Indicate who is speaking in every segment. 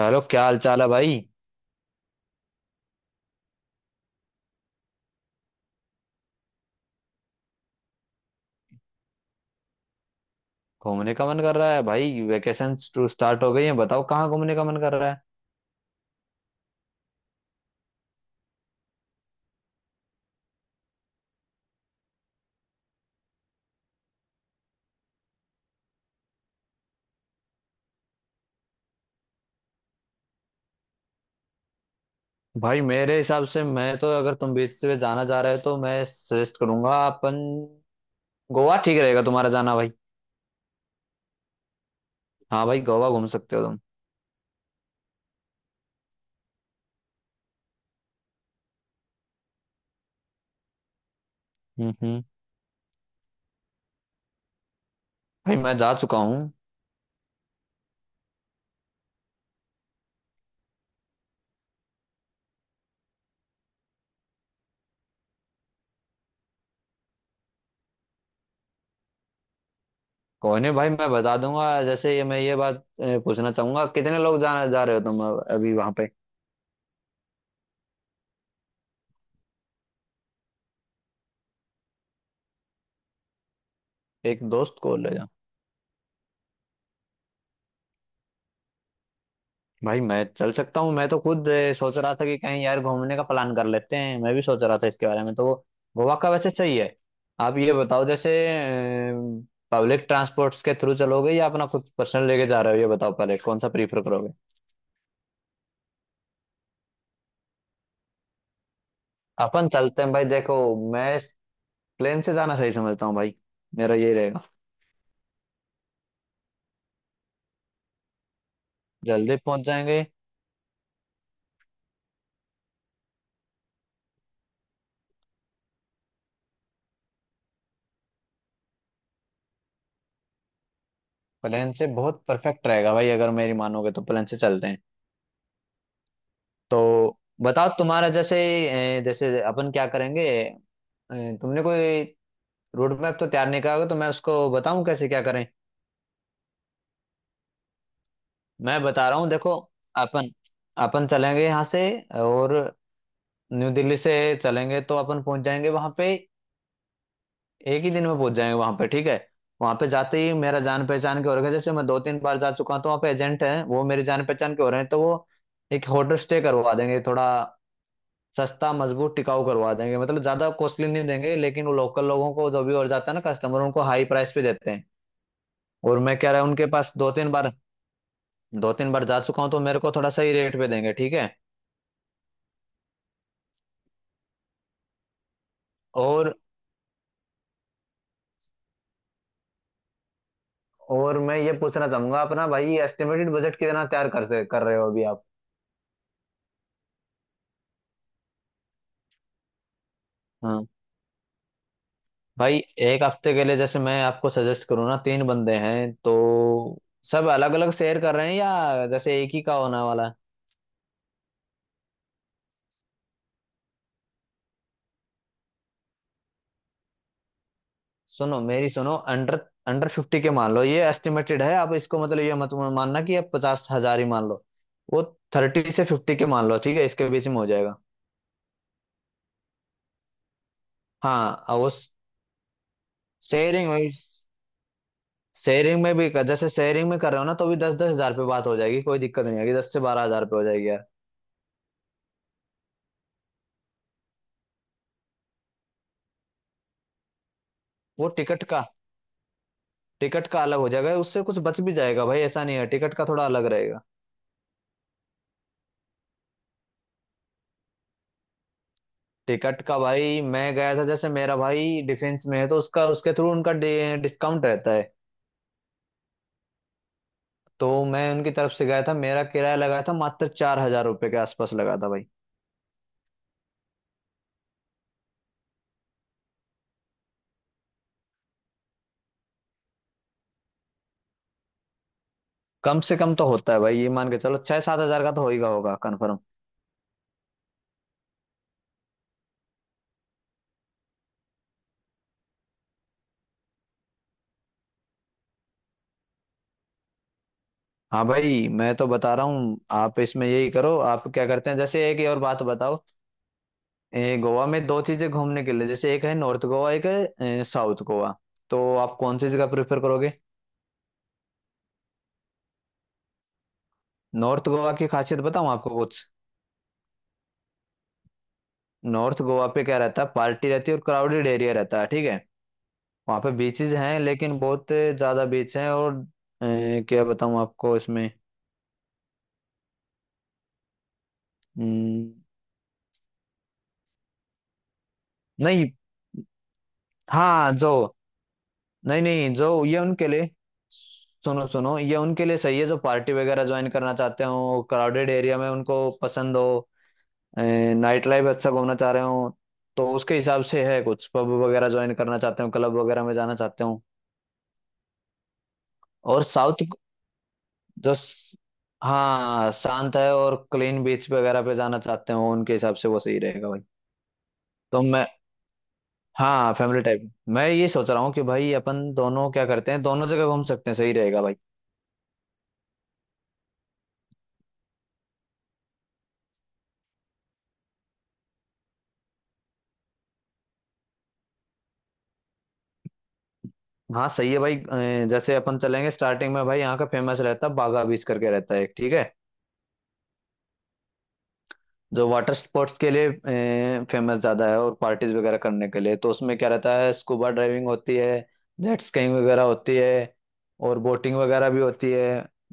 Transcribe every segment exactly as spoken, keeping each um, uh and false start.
Speaker 1: Hello, क्या हाल चाल है भाई। घूमने का मन कर रहा है भाई। वेकेशन टू स्टार्ट हो गई है, बताओ कहाँ घूमने का मन कर रहा है। भाई मेरे हिसाब से मैं तो अगर तुम बीच से जाना चाह रहे हो तो मैं सजेस्ट करूंगा अपन गोवा ठीक रहेगा तुम्हारा जाना भाई। हाँ भाई, गोवा घूम सकते हो तुम। हम्म, हम्म। भाई मैं जा चुका हूँ। कोई नहीं भाई, मैं बता दूंगा। जैसे ये मैं ये बात अ, पूछना चाहूंगा कितने लोग जाना जा रहे हो तुम अ- अभी वहां पे। एक दोस्त को ले। भाई मैं चल सकता हूँ, मैं तो खुद अ, सोच रहा था कि कहीं यार घूमने का प्लान कर लेते हैं, मैं भी सोच रहा था इसके बारे में तो। गोवा का वैसे सही है। आप ये बताओ, जैसे पब्लिक ट्रांसपोर्ट्स के थ्रू चलोगे या अपना खुद पर्सनल लेके जा रहे हो, ये बताओ पहले कौन सा प्रीफर करोगे। अपन चलते हैं भाई, देखो मैं प्लेन से जाना सही समझता हूँ भाई, मेरा यही रहेगा। जल्दी पहुंच जाएंगे। प्लेन से बहुत परफेक्ट रहेगा भाई, अगर मेरी मानोगे तो प्लेन से चलते हैं। तो बताओ तुम्हारा जैसे अ, जैसे अपन क्या करेंगे। अ, तुमने कोई रोड मैप तो तैयार नहीं करा होगा, तो मैं उसको बताऊं कैसे क्या करें। मैं बता रहा हूँ देखो, अपन अपन चलेंगे यहाँ से और न्यू दिल्ली से चलेंगे तो अपन पहुंच जाएंगे वहां पे। एक ही दिन में पहुंच जाएंगे वहां पे, ठीक है। वहां पे जाते ही मेरा जान पहचान के हो रहा है, जैसे मैं दो तीन बार जा चुका हूँ तो वहाँ पे एजेंट हैं वो मेरे जान पहचान के हो रहे हैं, तो वो एक होटल स्टे करवा देंगे थोड़ा सस्ता मजबूत टिकाऊ करवा देंगे, मतलब ज्यादा कॉस्टली नहीं देंगे। लेकिन वो लोकल लोगों को जो भी और जाता है ना कस्टमर, उनको हाई प्राइस पे देते हैं। और मैं कह रहा हूँ उनके पास दो तीन बार, दो तीन बार जा चुका हूँ, तो मेरे को थोड़ा सही रेट पे देंगे, ठीक है। और और मैं ये पूछना चाहूंगा, अपना भाई एस्टिमेटेड बजट कितना तैयार कर से कर रहे हो अभी आप। हाँ भाई, एक हफ्ते के लिए जैसे मैं आपको सजेस्ट करूँ ना, तीन बंदे हैं तो सब अलग अलग शेयर कर रहे हैं या जैसे एक ही का होने वाला है। सुनो मेरी सुनो, अंडर अंडर फिफ्टी के मान लो, ये एस्टिमेटेड है। आप इसको मतलब ये मत मानना कि आप पचास हजार ही मान लो। वो थर्टी से फिफ्टी के मान लो, ठीक है, इसके बीच में हो जाएगा। हाँ और वो शेयरिंग में शेयरिंग में भी कर, जैसे शेयरिंग में कर रहे हो ना तो भी दस दस हजार पे बात हो जाएगी, कोई दिक्कत नहीं आएगी, दस से बारह हजार पे हो जाएगी यार। वो टिकट का टिकट का अलग हो जाएगा, उससे कुछ बच भी जाएगा भाई, ऐसा नहीं है, टिकट का थोड़ा अलग रहेगा। टिकट का भाई मैं गया था, जैसे मेरा भाई डिफेंस में है तो उसका उसके थ्रू उनका डिस्काउंट रहता है, तो मैं उनकी तरफ से गया था, मेरा किराया लगा था मात्र चार हजार रुपये के आसपास लगा था भाई। कम से कम तो होता है भाई, ये मान के चलो छह सात हजार का तो होगा होगा कन्फर्म। हाँ भाई मैं तो बता रहा हूँ, आप इसमें यही करो, आप क्या करते हैं, जैसे एक ही और बात बताओ। ए, गोवा में दो चीजें घूमने के लिए, जैसे एक है नॉर्थ गोवा, एक है साउथ गोवा, तो आप कौन सी जगह प्रेफर करोगे। नॉर्थ गोवा की खासियत बताऊँ आपको कुछ। नॉर्थ गोवा पे क्या रहता है, पार्टी रहती है और क्राउडेड एरिया रहता है, ठीक है। वहाँ पे बीचेस हैं, लेकिन बहुत ज्यादा बीच हैं और अ, क्या बताऊँ आपको इसमें। हम्म। नहीं। हाँ जो। नहीं, नहीं जो ये उनके लिए, सुनो सुनो ये उनके लिए सही है, जो पार्टी वगैरह ज्वाइन करना चाहते हो, क्राउडेड एरिया में उनको पसंद हो, नाइट लाइफ अच्छा घूमना चाह रहे हो, तो उसके हिसाब से है, कुछ पब वगैरह ज्वाइन करना चाहते हो, क्लब वगैरह में जाना चाहते हो। और साउथ, जो स- हाँ शांत है और क्लीन बीच वगैरह पे जाना चाहते हो, उनके हिसाब से वो सही रहेगा भाई। तो मैं, हाँ फैमिली टाइप। मैं ये सोच रहा हूँ कि भाई अपन दोनों क्या करते हैं, दोनों जगह घूम सकते हैं, सही रहेगा भाई। हाँ सही है भाई, अ, जैसे अपन चलेंगे स्टार्टिंग में भाई, यहाँ का फेमस रहता है बागा बीच करके रहता है एक, ठीक है, जो वाटर स्पोर्ट्स के लिए फेमस ज्यादा है और पार्टीज वगैरह करने के लिए। तो उसमें क्या रहता है, स्कूबा ड्राइविंग होती है, जेट स्कीइंग वगैरह होती है और बोटिंग वगैरह भी होती है।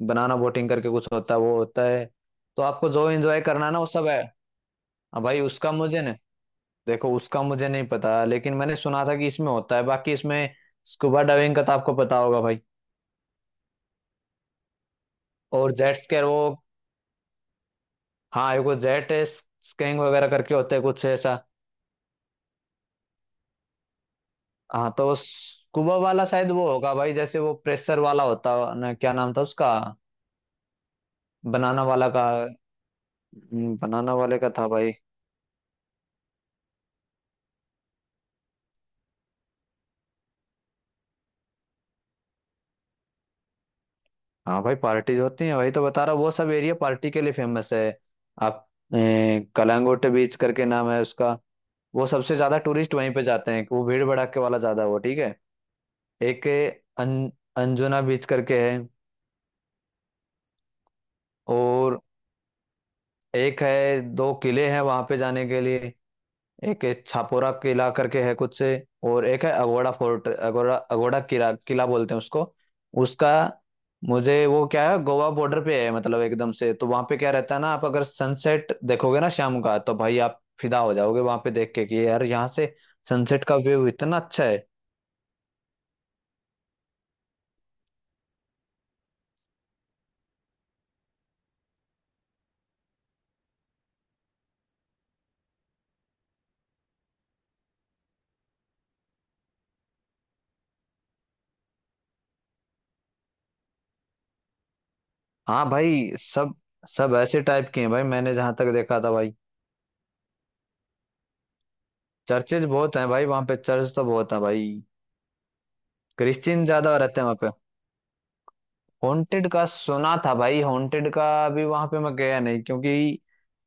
Speaker 1: बनाना बोटिंग करके कुछ होता है, वो होता है, तो आपको जो एंजॉय करना है ना, वो सब है। अब भाई उसका मुझे ना, देखो उसका मुझे नहीं पता, लेकिन मैंने सुना था कि इसमें होता है, बाकी इसमें स्कूबा डाइविंग का तो आपको पता होगा भाई। और जेट स्कैर वो, हाँ एक वो जेट स्कीइंग वगैरह करके होते हैं कुछ ऐसा। हाँ तो स्कूबा वाला शायद वो होगा भाई, जैसे वो प्रेशर वाला होता है ना, क्या नाम था उसका, बनाना वाला का, हम्म, बनाना वाले का था भाई। हाँ भाई पार्टीज होती हैं, वही तो बता रहा हूँ, वो सब एरिया पार्टी के लिए फेमस है। आप ए, कलांगुट बीच करके नाम है उसका, वो सबसे ज्यादा टूरिस्ट वहीं पे जाते हैं, वो भीड़ भड़ाके वाला ज्यादा वो, ठीक है। एक है अन, अंजुना बीच करके है। और एक है, दो किले हैं वहां पे जाने के लिए, एक है छापोरा किला करके है कुछ से, और एक है अगोड़ा फोर्ट, अगोड़ा, अगोड़ा किला किला बोलते हैं उसको। उसका मुझे वो क्या है गोवा बॉर्डर पे है मतलब एकदम से, तो वहां पे क्या रहता है ना, आप अगर सनसेट देखोगे ना शाम का, तो भाई आप फिदा हो जाओगे वहां पे देख के कि यार यहाँ से सनसेट का व्यू इतना अच्छा है। हाँ भाई, सब सब ऐसे टाइप के हैं भाई, मैंने जहां तक देखा था भाई। चर्चेज बहुत हैं भाई, वहां पे चर्च तो बहुत है भाई, क्रिश्चियन ज्यादा रहते हैं वहां पे। हॉन्टेड का सुना था भाई, हॉन्टेड का भी वहां पे, मैं गया नहीं क्योंकि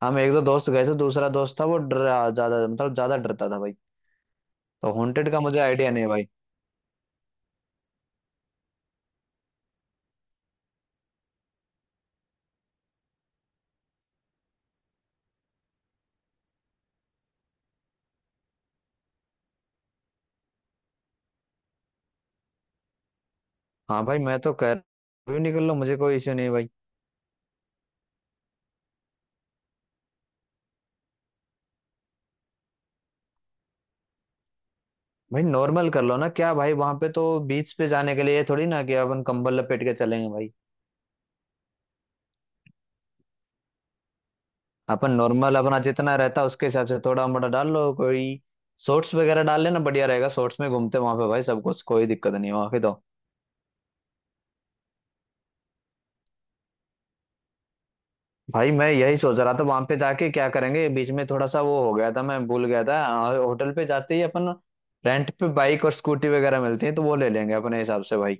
Speaker 1: हम एक दो दोस्त गए थे, दूसरा दोस्त था वो डरा ज्यादा, मतलब ज्यादा डरता था भाई, तो हॉन्टेड का मुझे आइडिया नहीं है भाई। हाँ भाई मैं तो कह, भी निकल लो मुझे कोई इश्यू नहीं है भाई। भाई नॉर्मल कर लो ना क्या भाई, वहां पे तो बीच पे जाने के लिए ये थोड़ी ना कि अपन कंबल लपेट के चलेंगे भाई। अपन नॉर्मल अपना जितना रहता है उसके हिसाब से थोड़ा मोटा डाल लो, कोई शॉर्ट्स वगैरह डाल लेना बढ़िया रहेगा, शॉर्ट्स में घूमते वहां पे भाई सब कुछ, कोई दिक्कत नहीं है वहां पे तो। भाई मैं यही सोच रहा था वहां पे जाके क्या करेंगे, बीच में थोड़ा सा वो हो गया था, मैं भूल गया था आ, होटल पे जाते ही अपन रेंट पे बाइक और स्कूटी वगैरह मिलती है, तो वो ले लेंगे अपने हिसाब से भाई।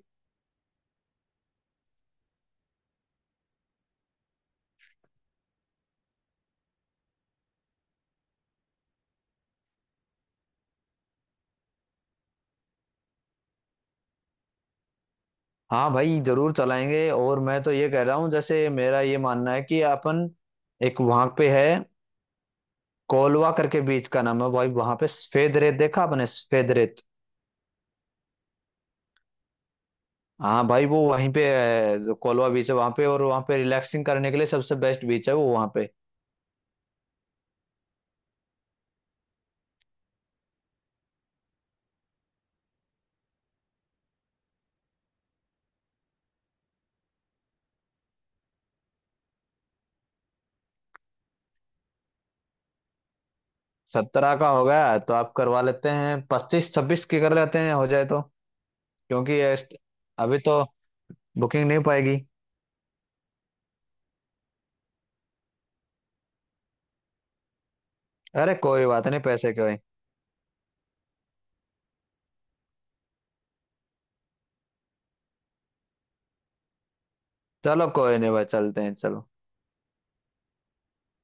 Speaker 1: हाँ भाई जरूर चलाएंगे, और मैं तो ये कह रहा हूँ, जैसे मेरा ये मानना है कि अपन एक वहां पे है कोलवा करके बीच का नाम है भाई, वहां पे सफेद रेत देखा आपने सफेद रेत। हाँ भाई वो वहीं पे है, जो कोलवा बीच है वहां पे, और वहां पे रिलैक्सिंग करने के लिए सबसे बेस्ट बीच है वो वहां पे। सत्रह का हो गया तो आप करवा लेते हैं, पच्चीस छब्बीस के कर लेते हैं हो जाए तो, क्योंकि ये इस- अभी तो बुकिंग नहीं हो पाएगी। अरे कोई बात नहीं पैसे के भाई, चलो कोई नहीं भाई, चलते हैं चलो।